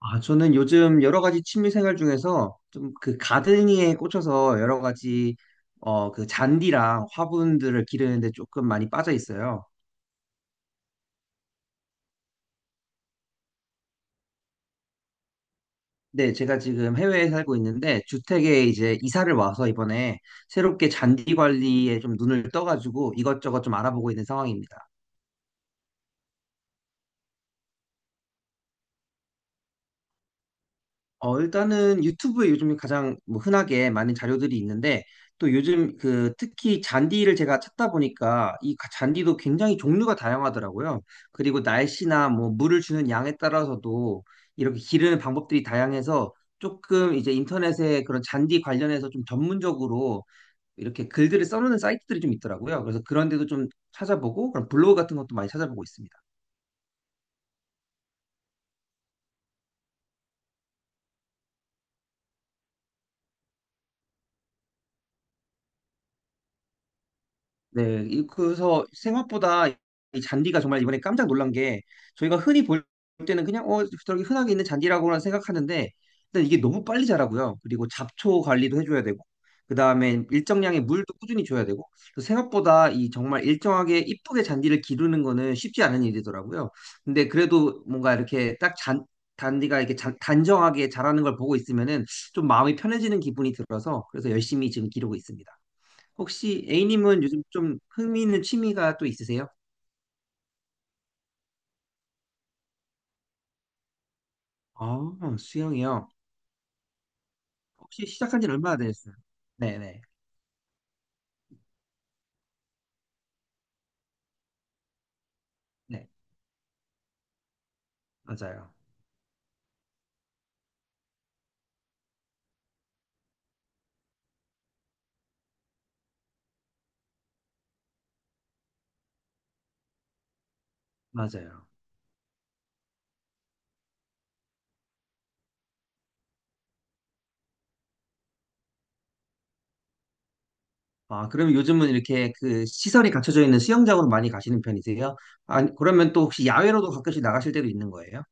저는 요즘 여러 가지 취미 생활 중에서 좀 그 가드닝에 꽂혀서 여러 가지 잔디랑 화분들을 기르는데 조금 많이 빠져 있어요. 네, 제가 지금 해외에 살고 있는데 주택에 이제 이사를 와서 이번에 새롭게 잔디 관리에 좀 눈을 떠가지고 이것저것 좀 알아보고 있는 상황입니다. 일단은 유튜브에 요즘 가장 뭐 흔하게 많은 자료들이 있는데, 또 요즘 그 특히 잔디를 제가 찾다 보니까 잔디도 굉장히 종류가 다양하더라고요. 그리고 날씨나 뭐 물을 주는 양에 따라서도 이렇게 기르는 방법들이 다양해서 조금 이제 인터넷에 그런 잔디 관련해서 좀 전문적으로 이렇게 글들을 써놓는 사이트들이 좀 있더라고요. 그래서 그런 데도 좀 찾아보고, 그런 블로그 같은 것도 많이 찾아보고 있습니다. 그래서 생각보다 이 잔디가 정말 이번에 깜짝 놀란 게 저희가 흔히 볼 때는 그냥 어 저기 흔하게 있는 잔디라고만 생각하는데 일단 이게 너무 빨리 자라고요. 그리고 잡초 관리도 해줘야 되고 그다음에 일정량의 물도 꾸준히 줘야 되고 그래서 생각보다 이 정말 일정하게 이쁘게 잔디를 기르는 거는 쉽지 않은 일이더라고요. 근데 그래도 뭔가 이렇게 잔디가 이렇게 단정하게 자라는 걸 보고 있으면은 좀 마음이 편해지는 기분이 들어서 그래서 열심히 지금 기르고 있습니다. 혹시 A님은 요즘 좀 흥미있는 취미가 또 있으세요? 아, 수영이요. 혹시 시작한 지는 얼마나 되셨어요? 네네. 네, 맞아요. 맞아요. 아, 그럼 요즘은 이렇게 그 시설이 갖춰져 있는 수영장으로 많이 가시는 편이세요? 아, 그러면 또 혹시 야외로도 가끔씩 나가실 때도 있는 거예요?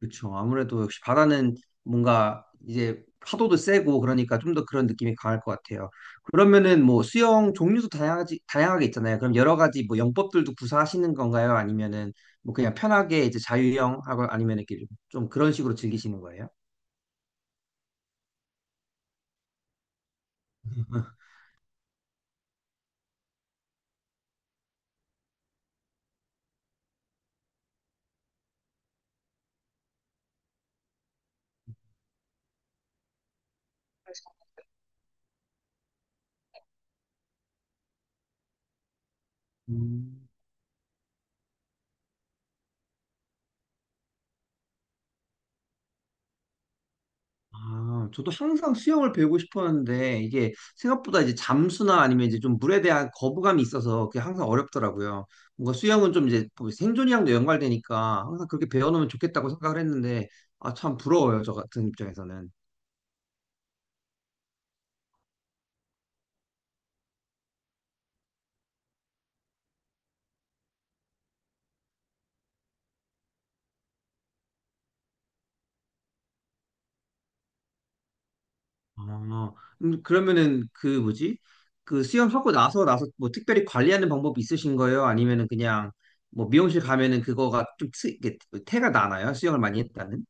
그렇죠. 아무래도 역시 바다는 뭔가 이제 파도도 세고 그러니까 좀 더 그런 느낌이 강할 것 같아요. 그러면은 뭐 수영 다양하게 있잖아요. 그럼 여러 가지 뭐 영법들도 구사하시는 건가요? 아니면은 뭐 그냥 편하게 이제 자유형 하고 아니면 이렇게 좀 그런 식으로 즐기시는 거예요? 음. 아, 저도 항상 수영을 배우고 싶었는데 이게 생각보다 이제 잠수나 아니면 이제 좀 물에 대한 거부감이 있어서 그게 항상 어렵더라고요. 뭔가 수영은 좀 이제 뭐 생존이랑도 연관되니까 항상 그렇게 배워놓으면 좋겠다고 생각을 했는데 아, 참 부러워요. 저 같은 입장에서는. 아, 그러면은 그 뭐지? 그 수영하고 나서 뭐 특별히 관리하는 방법이 있으신 거예요? 아니면은 그냥 뭐 미용실 가면은 이게 뭐 태가 나나요? 수영을 많이 했다는?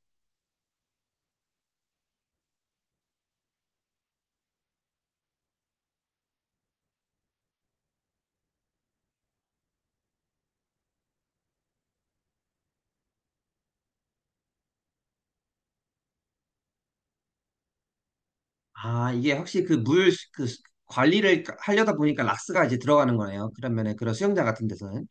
아, 이게 확실히 그 관리를 하려다 보니까 락스가 이제 들어가는 거네요. 그런 수영장 같은 데서는.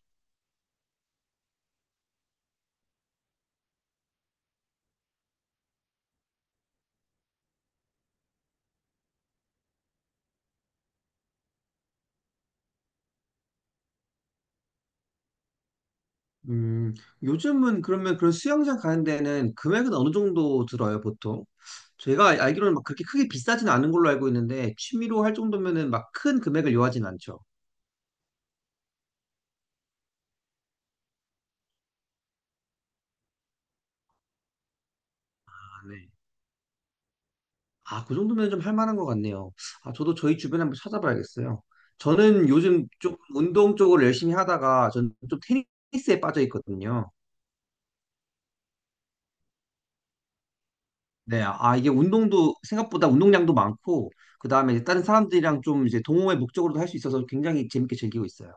음, 요즘은 그러면 그런 수영장 가는 데는 금액은 어느 정도 들어요, 보통? 제가 알기로는 막 그렇게 크게 비싸진 않은 걸로 알고 있는데, 취미로 할 정도면은 막 큰 금액을 요하진 않죠. 아, 네. 아, 그 정도면 좀 할 만한 것 같네요. 아, 저도 저희 주변에 한번 찾아봐야겠어요. 저는 요즘 좀 운동 쪽으로 열심히 하다가 저는 좀 테니스에 빠져 있거든요. 네, 아, 이게 운동도 생각보다 운동량도 많고, 그 다음에 다른 사람들이랑 좀 이제 동호회 목적으로도 할 수 있어서 굉장히 재밌게 즐기고 있어요.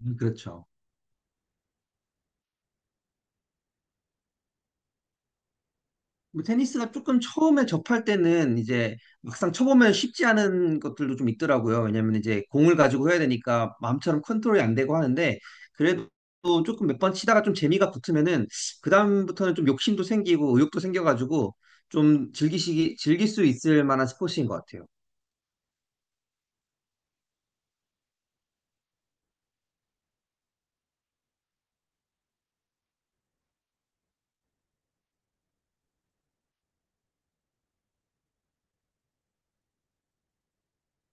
그렇죠. 뭐 테니스가 조금 처음에 접할 때는 이제 막상 쳐보면 쉽지 않은 것들도 좀 있더라고요. 왜냐면 이제 공을 가지고 해야 되니까 마음처럼 컨트롤이 안 되고 하는데, 그래도 조금 몇 번 치다가 좀 재미가 붙으면은, 그다음부터는 좀 욕심도 생기고 의욕도 생겨가지고, 즐길 수 있을 만한 스포츠인 것 같아요.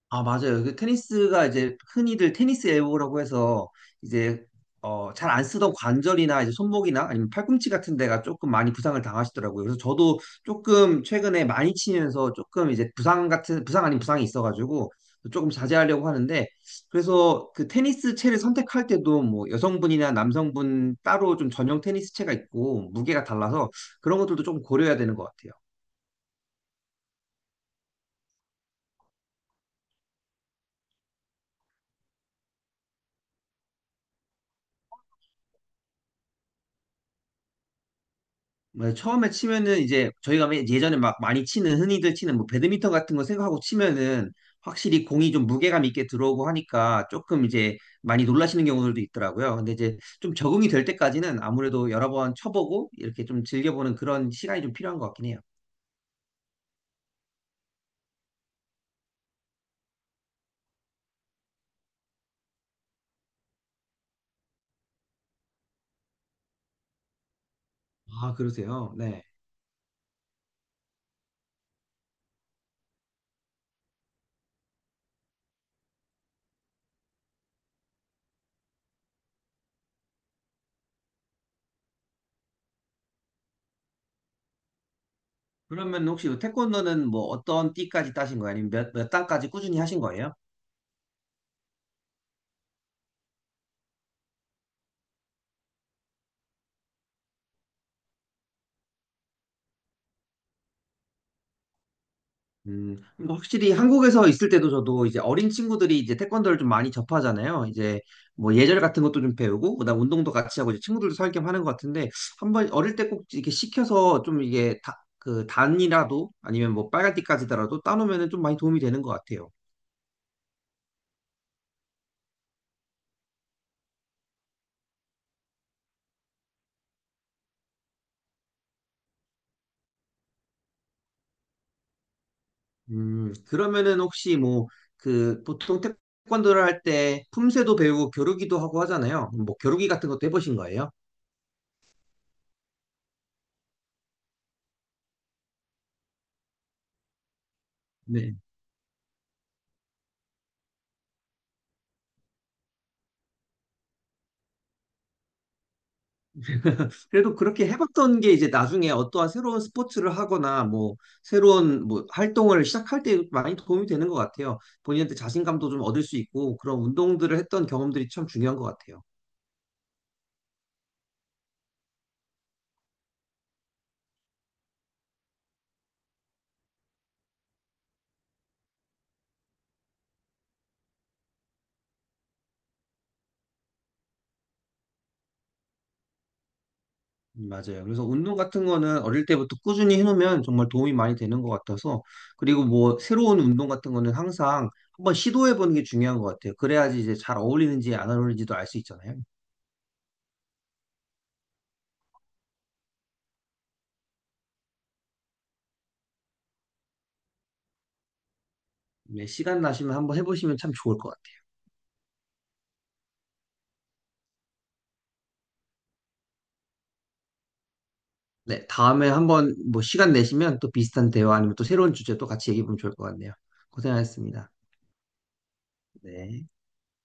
아, 맞아요. 그 테니스가 이제 흔히들 테니스 엘보라고 해서 이제 잘 안 쓰던 관절이나 이제 손목이나 아니면 팔꿈치 같은 데가 조금 많이 부상을 당하시더라고요. 그래서 저도 조금 최근에 많이 치면서 조금 이제 부상 같은 부상 아닌 부상이 있어가지고 조금 자제하려고 하는데 그래서 그 테니스 채를 선택할 때도 뭐 여성분이나 남성분 따로 좀 전용 테니스 채가 있고 무게가 달라서 그런 것들도 조금 고려해야 되는 것 같아요. 맞아요. 처음에 치면은 이제 저희가 예전에 막 많이 치는 흔히들 치는 뭐 배드민턴 같은 거 생각하고 치면은 확실히 공이 좀 무게감 있게 들어오고 하니까 조금 이제 많이 놀라시는 경우들도 있더라고요. 근데 이제 좀 적응이 될 때까지는 아무래도 여러 번 쳐보고 이렇게 좀 즐겨보는 그런 시간이 좀 필요한 것 같긴 해요. 아, 그러세요? 네. 그러면 혹시 태권도는 뭐 어떤 띠까지 따신 거예요? 아니면 몇 단까지 꾸준히 하신 거예요? 그러니까 확실히 한국에서 있을 때도 저도 이제 어린 친구들이 이제 태권도를 좀 많이 접하잖아요. 이제 뭐 예절 같은 것도 좀 배우고, 그다음 운동도 같이 하고 이제 친구들도 살겸 하는 것 같은데 한번 어릴 때 꼭 이렇게 시켜서 좀 그 단이라도 아니면 뭐 빨간 띠까지더라도 따놓으면은 좀 많이 도움이 되는 것 같아요. 그러면은 혹시 뭐 그 보통 태권도를 할 때 품새도 배우고 겨루기도 하고 하잖아요. 뭐 겨루기 같은 것도 해보신 거예요? 네. 그래도 그렇게 해봤던 게 이제 나중에 어떠한 새로운 스포츠를 하거나 뭐 새로운 뭐 활동을 시작할 때 많이 도움이 되는 것 같아요. 본인한테 자신감도 좀 얻을 수 있고 그런 운동들을 했던 경험들이 참 중요한 것 같아요. 맞아요. 그래서 운동 같은 거는 어릴 때부터 꾸준히 해놓으면 정말 도움이 많이 되는 것 같아서 그리고 뭐 새로운 운동 같은 거는 항상 한번 시도해보는 게 중요한 것 같아요. 그래야지 이제 잘 어울리는지 안 어울리는지도 알 수 있잖아요. 네, 시간 나시면 한번 해보시면 참 좋을 것 같아요. 네, 다음에 한번 뭐 시간 내시면 또 비슷한 대화 아니면 또 새로운 주제 또 같이 얘기해 보면 좋을 것 같네요. 고생하셨습니다. 네.